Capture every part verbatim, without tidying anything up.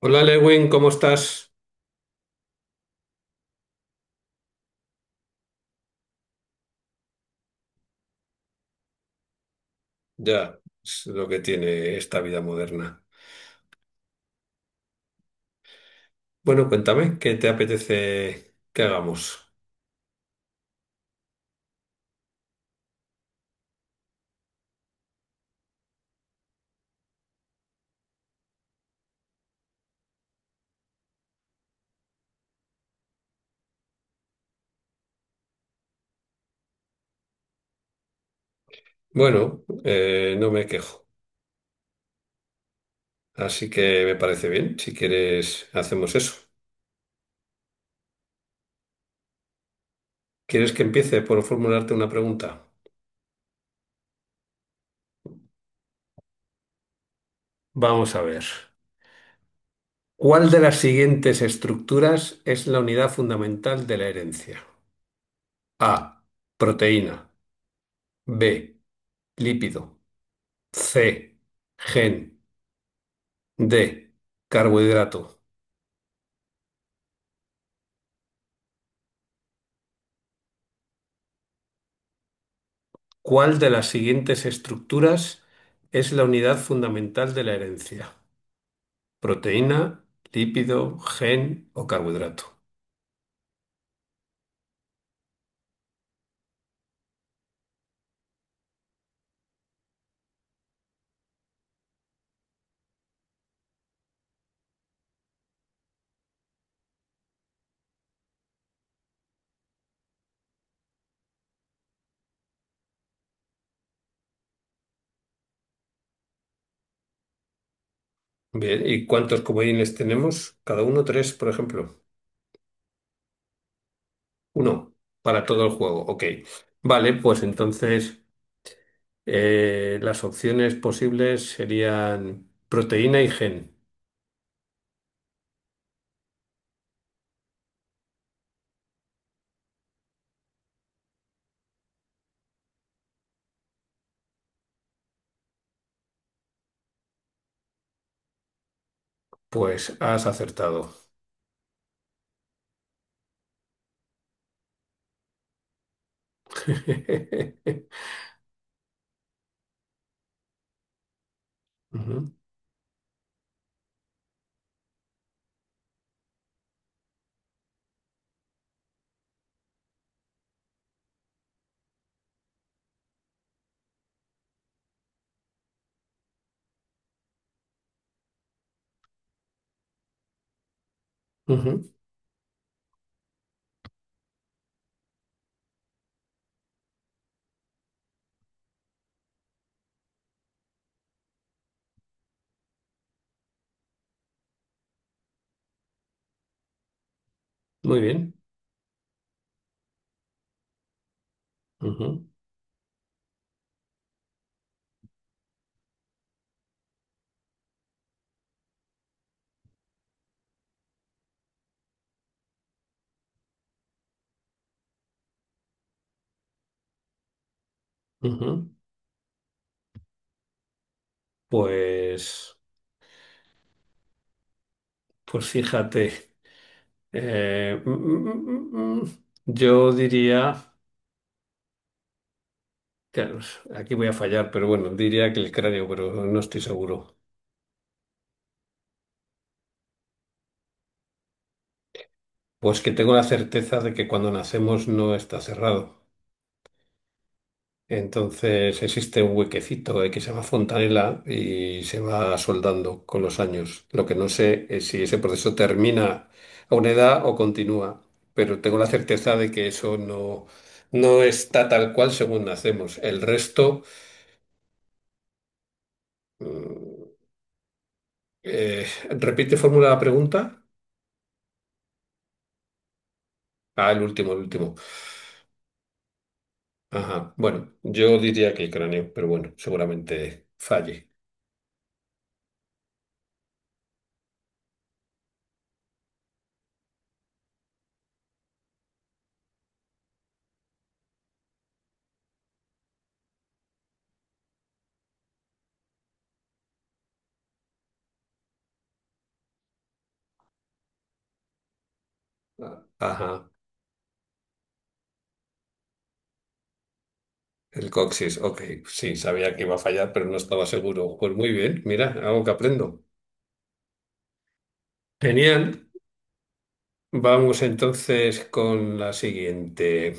Hola Lewin, ¿cómo estás? Ya, es lo que tiene esta vida moderna. Bueno, cuéntame, ¿qué te apetece que hagamos? Bueno, eh, no me quejo, así que me parece bien. Si quieres, hacemos eso. ¿Quieres que empiece por formularte una pregunta? Vamos a ver. ¿Cuál de las siguientes estructuras es la unidad fundamental de la herencia? A. Proteína. B. Lípido. C. Gen. D. Carbohidrato. ¿Cuál de las siguientes estructuras es la unidad fundamental de la herencia? ¿Proteína, lípido, gen o carbohidrato? Bien, ¿y cuántos comodines tenemos? Cada uno tres, por ejemplo. Uno, para todo el juego. Ok. Vale, pues entonces eh, las opciones posibles serían proteína y gen. Pues has acertado. Ujú, ujú. Muy bien. Ujú, ujú. Pues... Pues fíjate, eh, mm, mm, mm, mm, mm, yo diría, claro, aquí voy a fallar, pero bueno, diría que el cráneo, pero no estoy seguro. Pues que tengo la certeza de que cuando nacemos no está cerrado. Entonces existe un huequecito, eh, que se llama fontanela y se va soldando con los años. Lo que no sé es si ese proceso termina a una edad o continúa, pero tengo la certeza de que eso no, no está tal cual según nacemos. El resto. Mm, Eh, repite fórmula la pregunta. Ah, el último, el último. Ajá. Bueno, yo diría que el cráneo, pero bueno, seguramente falle. Ah, ajá. El coxis, ok. Sí, sabía que iba a fallar, pero no estaba seguro. Pues muy bien, mira, algo que aprendo. Genial. Vamos entonces con la siguiente.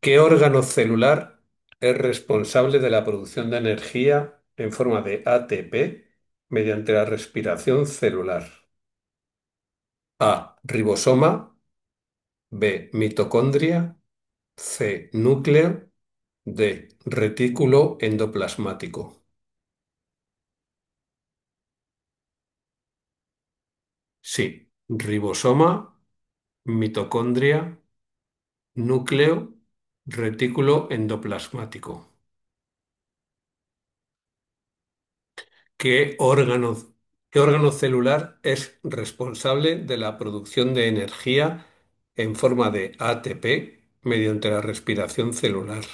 ¿Qué órgano celular es responsable de la producción de energía en forma de A T P mediante la respiración celular? A. Ribosoma. B. Mitocondria. C. Núcleo. D. Retículo endoplasmático. Sí. Ribosoma, mitocondria, núcleo, retículo endoplasmático. ¿Qué órgano, qué órgano celular es responsable de la producción de energía en forma de A T P mediante la respiración celular?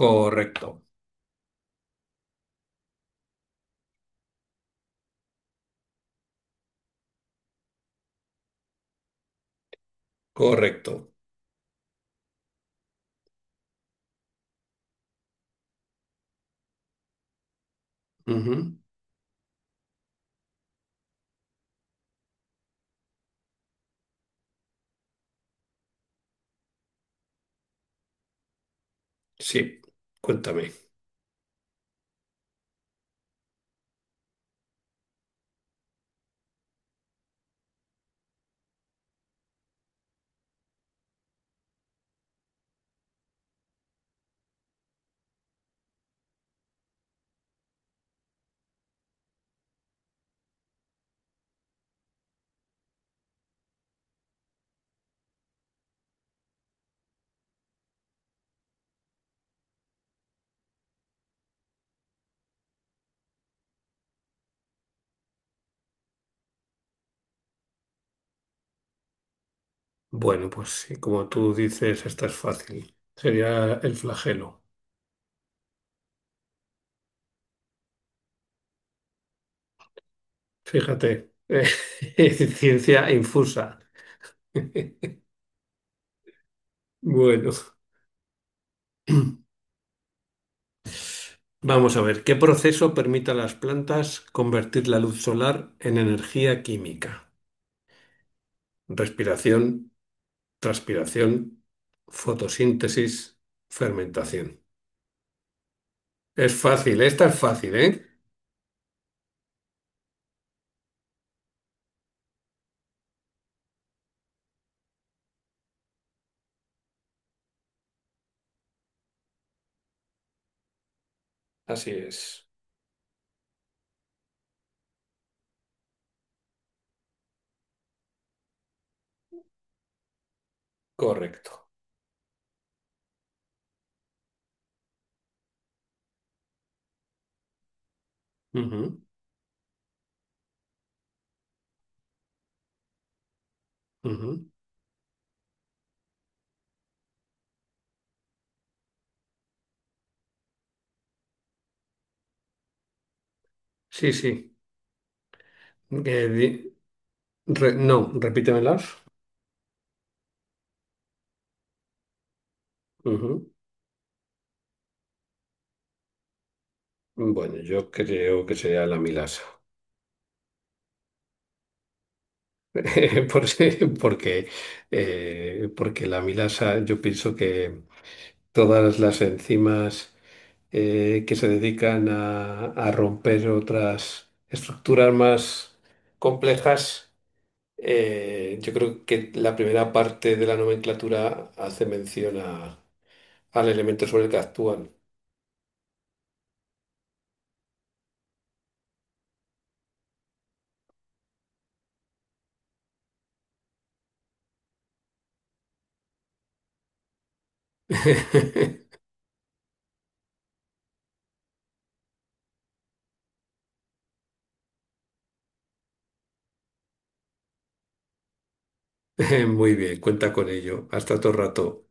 Correcto, correcto. Ujú. Sí, cuéntame. Bueno, pues sí, como tú dices, esta es fácil. Sería el flagelo. Fíjate, eh, ciencia infusa. Bueno, vamos a ver, ¿qué proceso permite a las plantas convertir la luz solar en energía química? Respiración, transpiración, fotosíntesis, fermentación. Es fácil, esta es fácil, ¿eh? Así es, correcto. Ujú, ujú. Sí, sí. Eh, di- re- no, repítemelas. Ujú. Bueno, yo creo que sería la milasa. Por si- Porque, eh, porque la milasa, yo pienso que todas las enzimas eh, que se dedican a, a romper otras estructuras más complejas, eh, yo creo que la primera parte de la nomenclatura hace mención a- al elemento sobre el que actúan. Muy bien, cuenta con ello. Hasta otro rato.